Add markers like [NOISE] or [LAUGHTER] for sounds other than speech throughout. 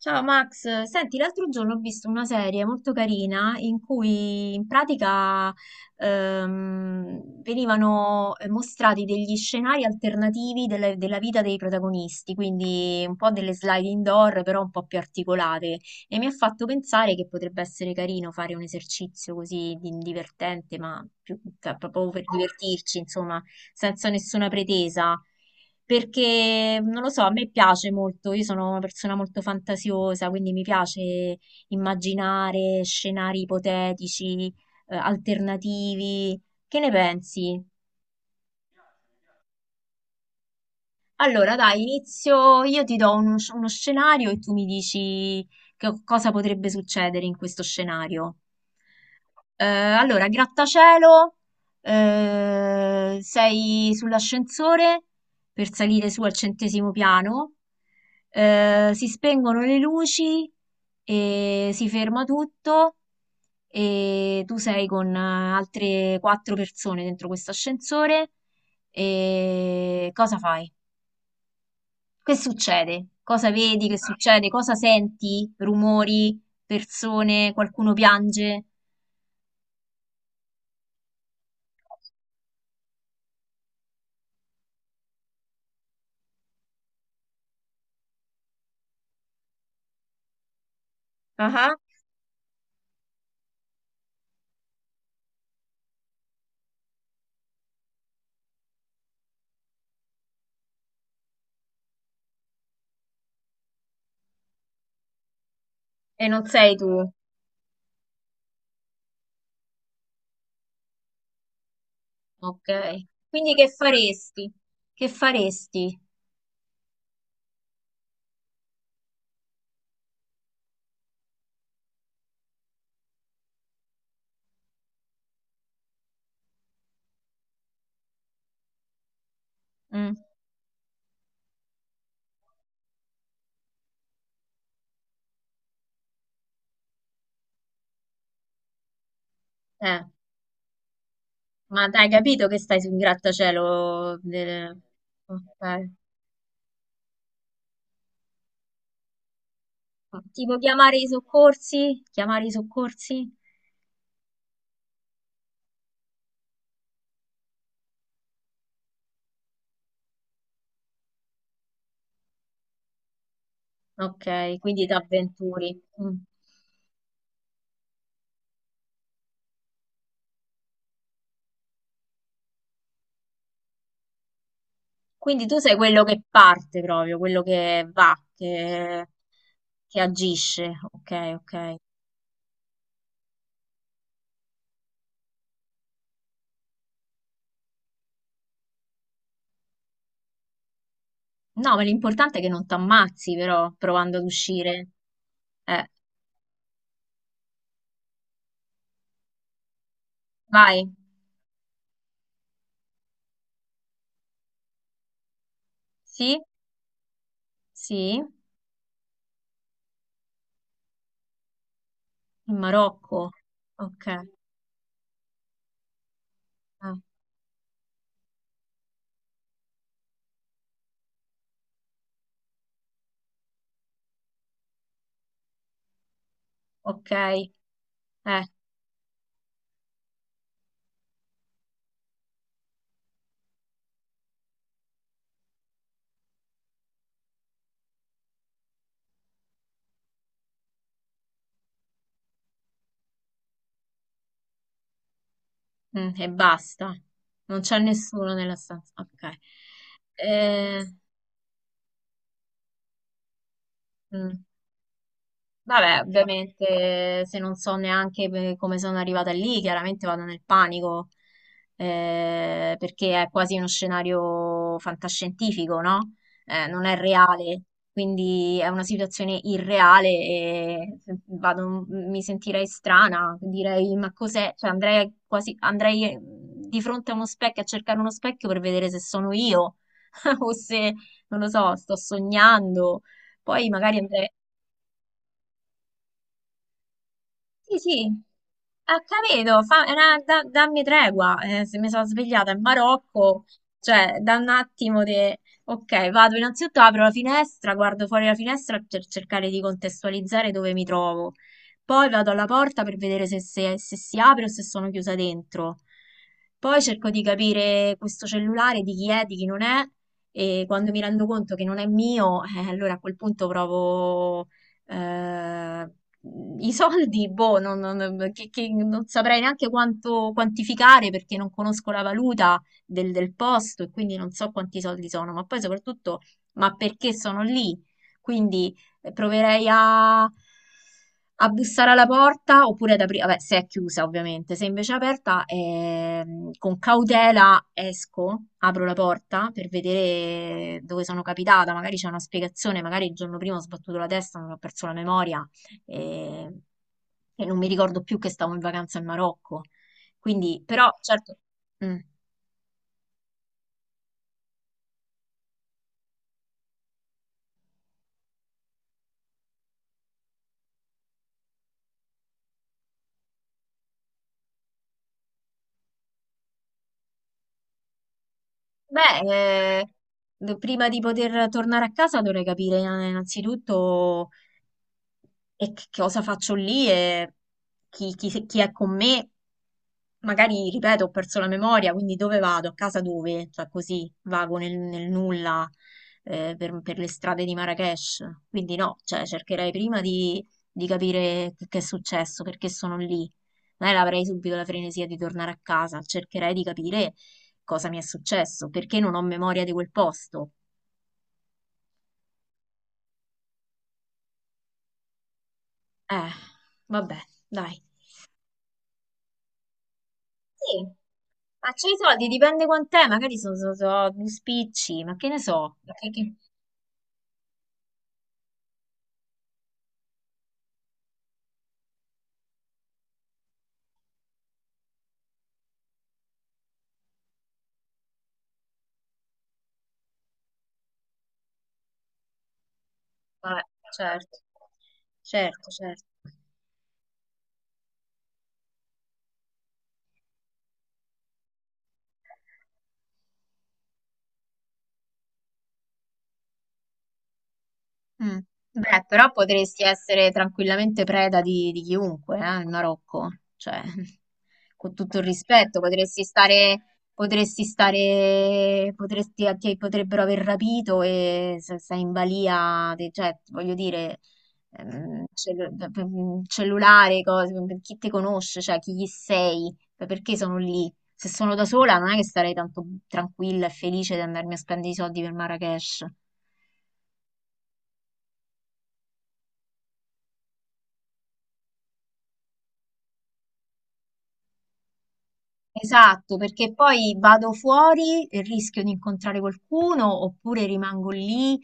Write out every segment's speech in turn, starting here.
Ciao Max, senti, l'altro giorno ho visto una serie molto carina in cui in pratica venivano mostrati degli scenari alternativi della vita dei protagonisti, quindi un po' delle slide indoor, però un po' più articolate. E mi ha fatto pensare che potrebbe essere carino fare un esercizio così divertente, ma più, cioè, proprio per divertirci, insomma, senza nessuna pretesa, perché non lo so, a me piace molto, io sono una persona molto fantasiosa, quindi mi piace immaginare scenari ipotetici, alternativi. Che ne pensi? Allora, dai, inizio, io ti do uno, uno scenario e tu mi dici che cosa potrebbe succedere in questo scenario. Allora, grattacielo, sei sull'ascensore per salire su al centesimo piano, si spengono le luci e si ferma tutto e tu sei con altre quattro persone dentro questo ascensore e cosa fai? Che succede? Cosa vedi? Che succede? Cosa senti? Rumori, persone, qualcuno piange? Ah. E non sei tu. Ok. Quindi che faresti? Che faresti? Mm. Eh, ma hai capito che stai su un grattacielo? Ok. Tipo chiamare i soccorsi? Chiamare i soccorsi? Ok, quindi ti avventuri. Mm. Quindi tu sei quello che parte proprio, quello che va, che agisce. Ok, ok. No, ma l'importante è che non ti ammazzi, però, provando ad uscire. Eh, vai. Sì? Sì? In Marocco. Ok, ok. Mm, e basta. Non c'è nessuno nella stanza. Ok. Eh, mm. Vabbè, ovviamente se non so neanche come sono arrivata lì, chiaramente vado nel panico, perché è quasi uno scenario fantascientifico, no? Non è reale, quindi è una situazione irreale e mi sentirei strana, direi, ma cos'è? Cioè, andrei quasi, andrei di fronte a uno specchio, a cercare uno specchio per vedere se sono io, [LAUGHS] o se, non lo so, sto sognando. Poi magari andrei. Sì, sì, ho capito, dammi tregua, se mi sono svegliata in Marocco, cioè da un attimo di... Ok, vado innanzitutto, apro la finestra, guardo fuori la finestra per cercare di contestualizzare dove mi trovo, poi vado alla porta per vedere se, se si apre o se sono chiusa dentro, poi cerco di capire questo cellulare di chi è, di chi non è, e quando mi rendo conto che non è mio, allora a quel punto provo... eh, i soldi, boh, che non saprei neanche quanto quantificare perché non conosco la valuta del posto e quindi non so quanti soldi sono, ma poi soprattutto, ma perché sono lì? Quindi proverei a, a bussare alla porta oppure ad aprire, vabbè, se è chiusa ovviamente, se invece è aperta, con cautela esco, apro la porta per vedere dove sono capitata, magari c'è una spiegazione, magari il giorno prima ho sbattuto la testa, non ho perso la memoria e, e non mi ricordo più che stavo in vacanza in Marocco. Quindi, però, certo, mm. Beh, prima di poter tornare a casa dovrei capire innanzitutto che cosa faccio lì e chi, chi è con me, magari, ripeto, ho perso la memoria, quindi dove vado? A casa dove? Cioè così vago nel nulla per le strade di Marrakesh. Quindi no, cioè cercherei prima di capire che è successo, perché sono lì. Non è che avrei subito la frenesia di tornare a casa, cercherei di capire cosa mi è successo, perché non ho memoria di quel posto. Eh, vabbè, dai. Sì, ma c'hai i soldi, dipende quant'è, magari sono due spicci, ma che ne so. Ma vabbè, certo, certo, certo. Mm. Beh, però potresti essere tranquillamente preda di chiunque, in Marocco. Cioè, [LAUGHS] con tutto il rispetto, potresti stare, potresti stare, potresti, ti potrebbero aver rapito e se sei in balia, cioè, voglio dire, ehm, cellu- cellulare, cose, chi ti conosce, cioè, chi gli sei, perché sono lì. Se sono da sola non è che sarei tanto tranquilla e felice di andarmi a spendere i soldi per Marrakesh. Esatto, perché poi vado fuori e rischio di incontrare qualcuno oppure rimango lì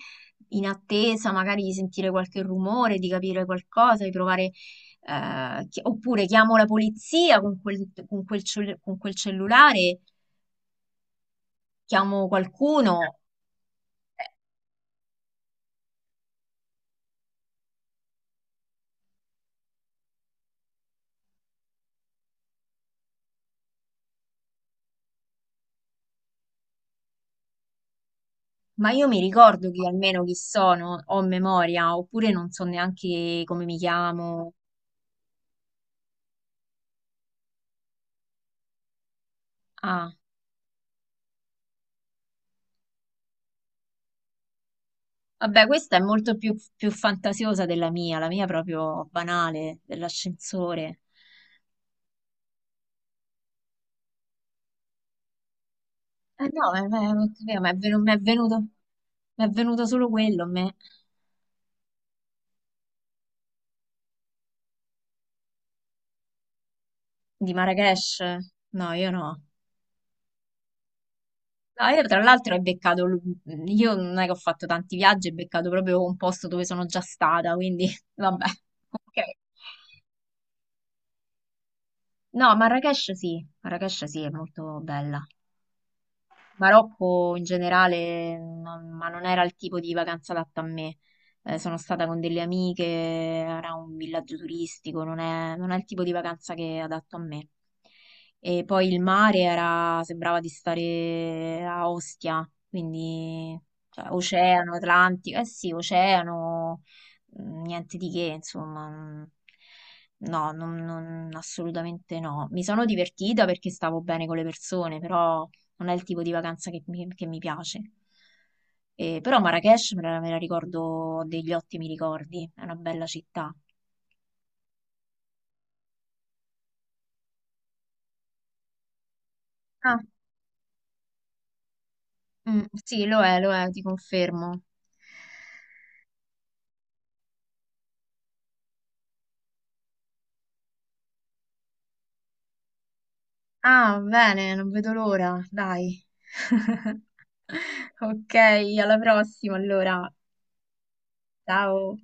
in attesa magari di sentire qualche rumore, di capire qualcosa, di provare, oppure chiamo la polizia con quel, con quel cellulare, chiamo qualcuno, eh, ma io mi ricordo chi, almeno chi sono, ho memoria, oppure non so neanche come mi chiamo. Ah. Vabbè, questa è molto più, più fantasiosa della mia, la mia è proprio banale, dell'ascensore. Eh no, capito, mi è venuto solo quello, a me, di Marrakesh. No, io no. No, io tra l'altro ho beccato, io non è che ho fatto tanti viaggi, ho beccato proprio un posto dove sono già stata, quindi [LAUGHS] vabbè, ok. No, Marrakesh sì, è molto bella. Marocco in generale, ma non era il tipo di vacanza adatta a me. Sono stata con delle amiche, era un villaggio turistico, non è il tipo di vacanza che è adatto a me. E poi il mare era, sembrava di stare a Ostia, quindi cioè, oceano, Atlantico, eh sì, oceano, mm, niente di che, insomma. Mm. No, assolutamente no. Mi sono divertita perché stavo bene con le persone, però non è il tipo di vacanza che mi piace. Però Marrakech me la ricordo, ho degli ottimi ricordi, è una bella città. Ah, mm, sì, lo è, ti confermo. Ah, bene, non vedo l'ora, dai. [LAUGHS] Ok, alla prossima allora. Ciao.